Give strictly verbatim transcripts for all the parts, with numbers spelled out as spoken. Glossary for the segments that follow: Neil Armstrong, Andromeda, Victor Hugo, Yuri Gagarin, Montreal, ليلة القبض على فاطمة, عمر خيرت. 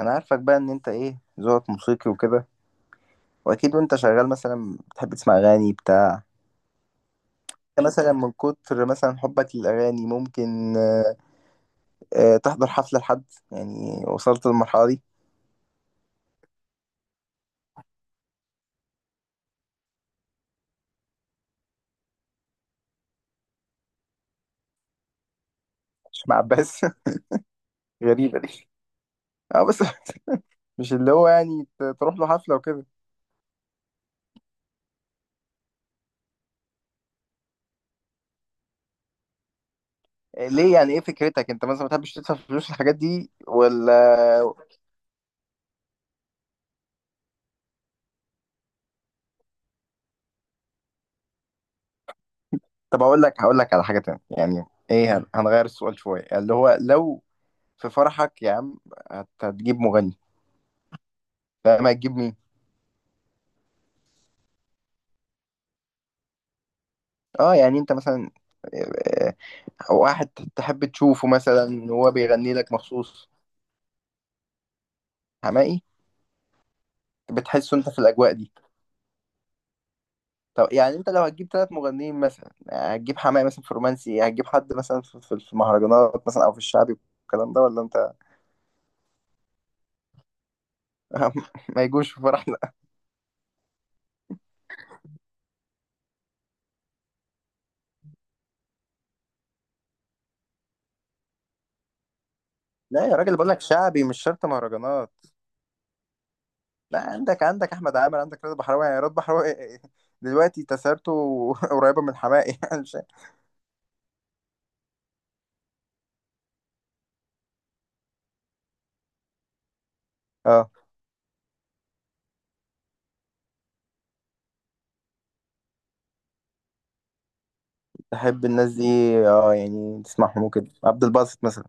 انا عارفك بقى ان انت ايه ذوقك موسيقي وكده. واكيد وانت شغال مثلا بتحب تسمع اغاني بتاع. أنت مثلا من كتر مثلا حبك للاغاني ممكن آه، آه، تحضر حفلة لحد، يعني وصلت للمرحلة دي. مش مع عباس. غريبة دي. اه بس مش اللي هو يعني ت- تروح له حفلة وكده. آه، ليه يعني؟ ايه فكرتك انت مثلا؟ ما بتحبش تدفع فلوس الحاجات دي ولا؟ طب اقول لك، هقول لك على حاجة تانية يعني. ايه، هن- هنغير السؤال شوية اللي هو لو في فرحك يا عم، هت- هتجيب مغني؟ لا ما هتجيب مين؟ اه يعني انت مثلا، آه، آه، واحد تحب تشوفه مثلا وهو بيغني لك مخصوص؟ حماقي؟ بتحسه انت في الاجواء دي؟ طب يعني انت لو هتجيب ثلاث مغنيين مثلا، هتجيب حماقي مثلا في الرومانسي، هتجيب حد مثلا في في- في المهرجانات مثلا او في الشعبي والكلام ده ولا انت؟ ما يجوش في فرحنا. لا يا راجل، بقول لك شعبي مش شرط مهرجانات. لا عندك، عندك احمد عامر، عندك رضا بحراوي، يعني رضا بحراوي آه، آه، آه، دلوقتي تسارته قريبه من حماقي يعني مش- اه. تحب الناس دي؟ اه يعني تسمعهم وكده؟ عبد الباسط مثلا؟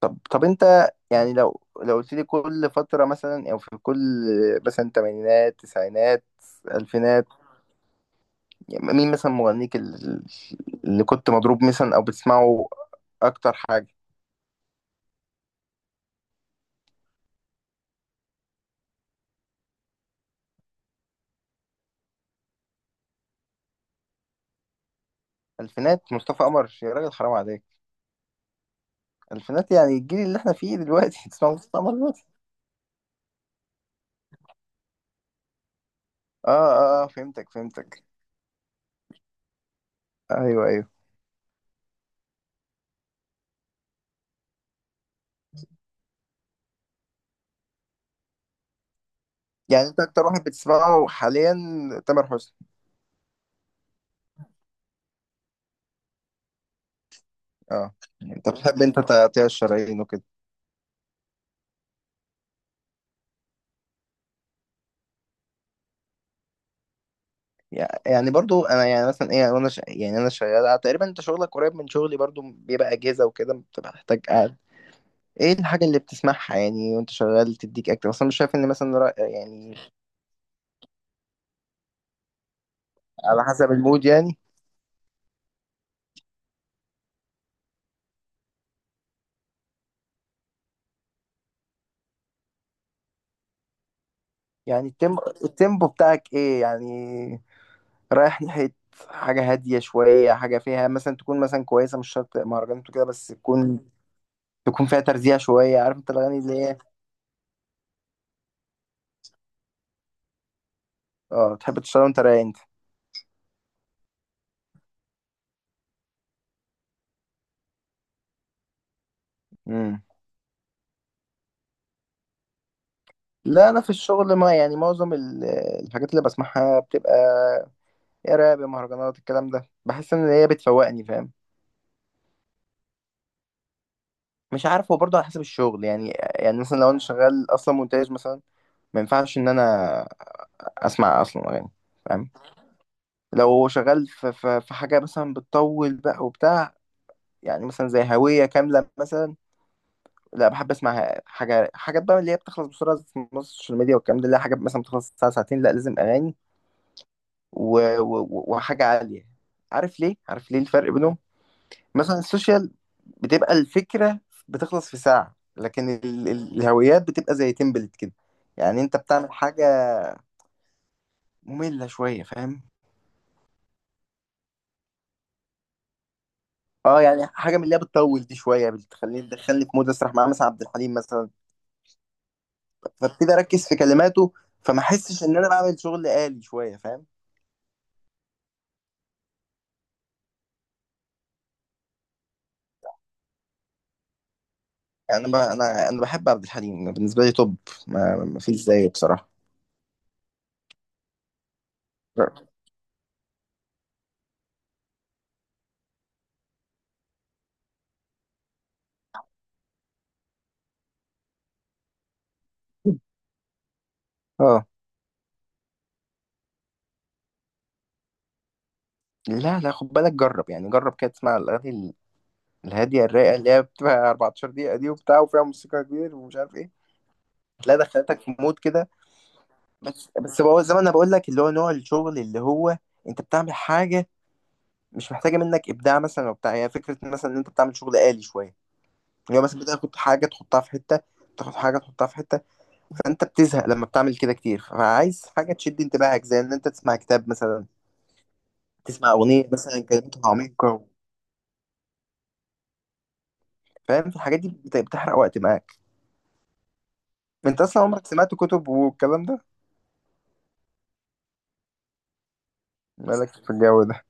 طب طب انت يعني لو لو قلت لي كل فترة مثلا، او في كل مثلا تمانينات، تسعينات، الفينات، يعني مين مثلا مغنيك ال- اللي كنت مضروب مثلا او بتسمعه اكتر حاجة؟ الفينات مصطفى قمر يا راجل حرام عليك! الفينات يعني الجيل اللي احنا فيه دلوقتي، تسمع مصطفى قمر دلوقتي؟ اه اه آه، فهمتك، فهمتك. ايوه، ايوه. يعني انت اكتر واحد بتسمعه حاليا تامر حسني؟ اه، انت بتحب انت تقطيع الشرايين وكده. يعني برضو انا يعني مثلا ايه، وانا ش... يعني انا شغال تقريبا، انت شغلك قريب من شغلي، برضو بيبقى اجهزه وكده، بتبقى محتاج قاعد. ايه الحاجه اللي بتسمعها يعني وانت شغال تديك اكتر؟ اصلا مش شايف ان مثلا رأ- يعني على حسب المود يعني. يعني التيم... التيمبو بتاعك ايه يعني؟ رايح ناحيه حاجه هاديه شويه، حاجه فيها مثلا تكون مثلا كويسه، مش شرط مهرجانات وكده، بس تكون، تكون فيها ترزيع شويه، عارف انت الاغاني اللي هي. اه تحب تشتغل وانت رايق. انت. لا انا في الشغل ما يعني معظم ال- الحاجات اللي بسمعها بتبقى يا راب يا مهرجانات، الكلام ده بحس ان هي بتفوقني، فاهم؟ مش عارف، هو برضه على حسب الشغل يعني. يعني مثلا لو انا شغال اصلا مونتاج مثلا، ما ينفعش ان انا اسمع اصلا اغاني، فاهم؟ لو شغال في, في, في حاجه مثلا بتطول بقى وبتاع، يعني مثلا زي هويه كامله مثلا، لا بحب اسمع حاجه، حاجات بقى اللي هي بتخلص بسرعه في السوشيال ميديا والكلام ده، اللي هي حاجات مثلا بتخلص ساعه ساعتين، لا لازم اغاني و... و... وحاجة عالية. عارف ليه؟ عارف ليه الفرق بينهم؟ مثلا السوشيال بتبقى الفكرة بتخلص في ساعة، لكن ال... ال- الهويات بتبقى زي تمبلت كده، يعني انت بتعمل حاجة مملة شوية، فاهم؟ اه يعني حاجة من اللي هي بتطول دي شوية بتخليني، تدخلني في مود اسرح مع مثلا عبد الحليم مثلا، فابتدي اركز في كلماته، فما احسش ان انا بعمل شغل آلي شوية، فاهم؟ يعني انا ب... انا انا بحب عبد الحليم، بالنسبة لي توب، ما, ما فيش زيه بصراحة. اه. لا لا خد بالك، جرب يعني، جرب كده تسمع الاغاني ال- الهاديه الرايقه اللي هي بتبقى أربعة عشر دقيقه دي وبتاع، وفيها موسيقى كبير ومش عارف ايه. لا دخلتك في مود كده. بس بس هو زي ما انا بقول لك اللي هو نوع الشغل اللي هو انت بتعمل حاجه مش محتاجه منك ابداع مثلا وبتاع، هي فكره مثلا ان انت بتعمل شغل آلي شويه، اللي هو مثلا بتاخد حاجه تحطها في حته، بتاخد حاجه تحطها في حته، فانت بتزهق لما بتعمل كده كتير، فعايز حاجه تشد انتباهك زي ان انت تسمع كتاب مثلا، تسمع اغنيه مثلا كلماتها عميقه، فاهم؟ في الحاجات دي بت- بتحرق وقت معاك. انت اصلا عمرك سمعت كتب والكلام ده؟ مالك في الجو ده؟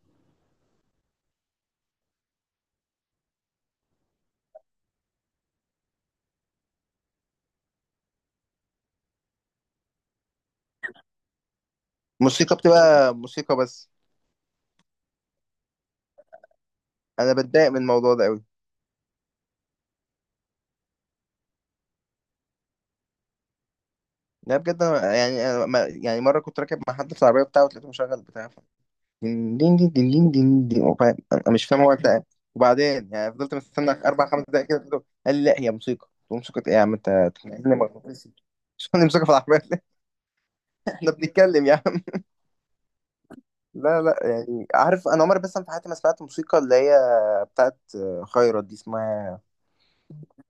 موسيقى بتبقى موسيقى بس. انا بتضايق من الموضوع ده قوي. لا بجد، أنا يعني أنا ما- يعني مره كنت راكب مع حد في العربيه بتاعه وتلاقيته مشغل بتاع ف- دين دين دين دين دين دين دين، وفاهم- انا مش فاهم هو بتاع إيه. وبعدين يعني فضلت مستنى اربع خمس دقايق كده، قلت له- قال لي لا هي موسيقى، قلت له موسيقى ايه يا عم؟ انت تخليني مغناطيسي، مش فاهم موسيقى في العربيه. احنا بنتكلم يا عم. لا لا، يعني عارف، انا عمري بس في حياتي ما سمعت موسيقى اللي هي بتاعت خيرت دي اسمها،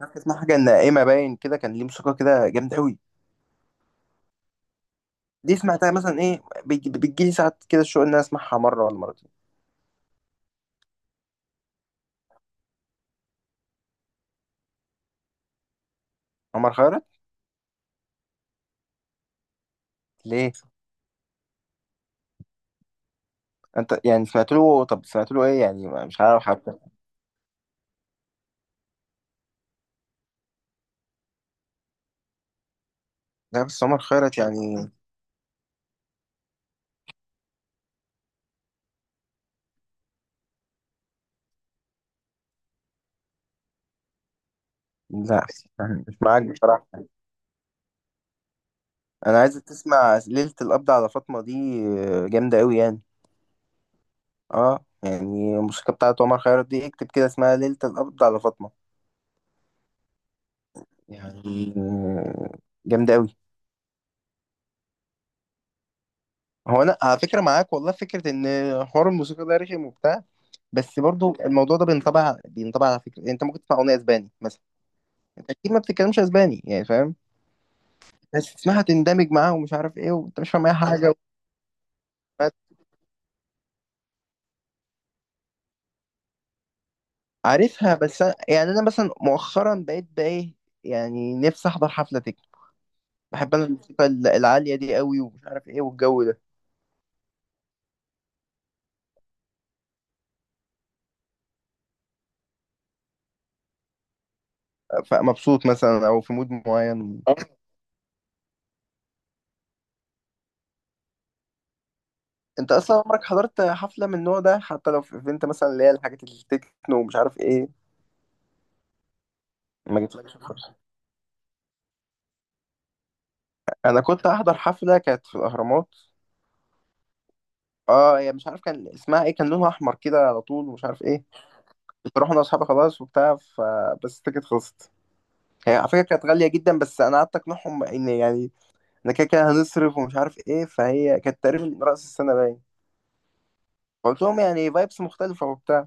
عارف اسمها؟ حاجه نائمه باين كده، كان ليه موسيقى كده جامده قوي. دي سمعتها مثلا، ايه بيجي بتجيلي ساعات كده الشوق ان انا اسمعها مره ولا مرتين. عمر خيرت؟ ليه؟ انت يعني سمعت له؟ طب سمعت له ايه يعني؟ ما- مش عارف حتى. لا بس عمر خيرت يعني. لا يعني مش معاك بصراحه. انا عايز تسمع ليله القبض على فاطمه دي، جامده قوي يعني. اه يعني الموسيقى بتاعت عمر خيرت دي، اكتب كده اسمها ليله القبض على فاطمه، يعني جامده قوي. هو انا على فكره معاك والله، فكره ان حوار الموسيقى ده رخم وبتاع، بس برضو الموضوع ده بينطبع بينطبع على فكره، يعني انت ممكن تسمع اغنيه اسباني مثلا، انت اكيد ما بتتكلمش اسباني يعني، فاهم؟ بس تسمعها تندمج معاها ومش عارف ايه، وانت مش فاهم اي حاجه. عارفها، بس أنا يعني انا مثلا مؤخرا بقيت بقى ايه، يعني نفسي احضر حفله تكنو. بحب انا الموسيقى ال- العاليه دي قوي ومش عارف ايه، والجو ده فمبسوط مثلا او في مود معين، آه. انت اصلا عمرك حضرت حفله من النوع ده، حتى لو في ايفنت مثلا، اللي هي الحاجات التكنو ومش عارف ايه؟ ما جيتلكش الفرصة؟ انا كنت احضر حفلة كانت في الاهرامات. اه، هي مش عارف كان اسمها ايه، كان لونها احمر كده على طول ومش عارف ايه. كنت اروح انا واصحابي خلاص وبتاع، ف بس التيكت خلصت، هي على فكرة كانت غالية جدا، بس انا قعدت اقنعهم ان يعني انا كده كده هنصرف ومش عارف ايه، فهي كانت تقريبا رأس السنة باين. قلت لهم يعني فايبس مختلفة وبتاع.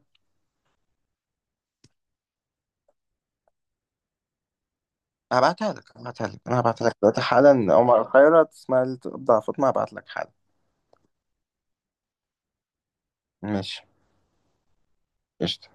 هبعتها لك هبعتها لك انا هبعتها لك دلوقتي حالا. عمر الخيرت اسمها الابداع فاطمة، هبعت لك حالا. ماشي، قشطة.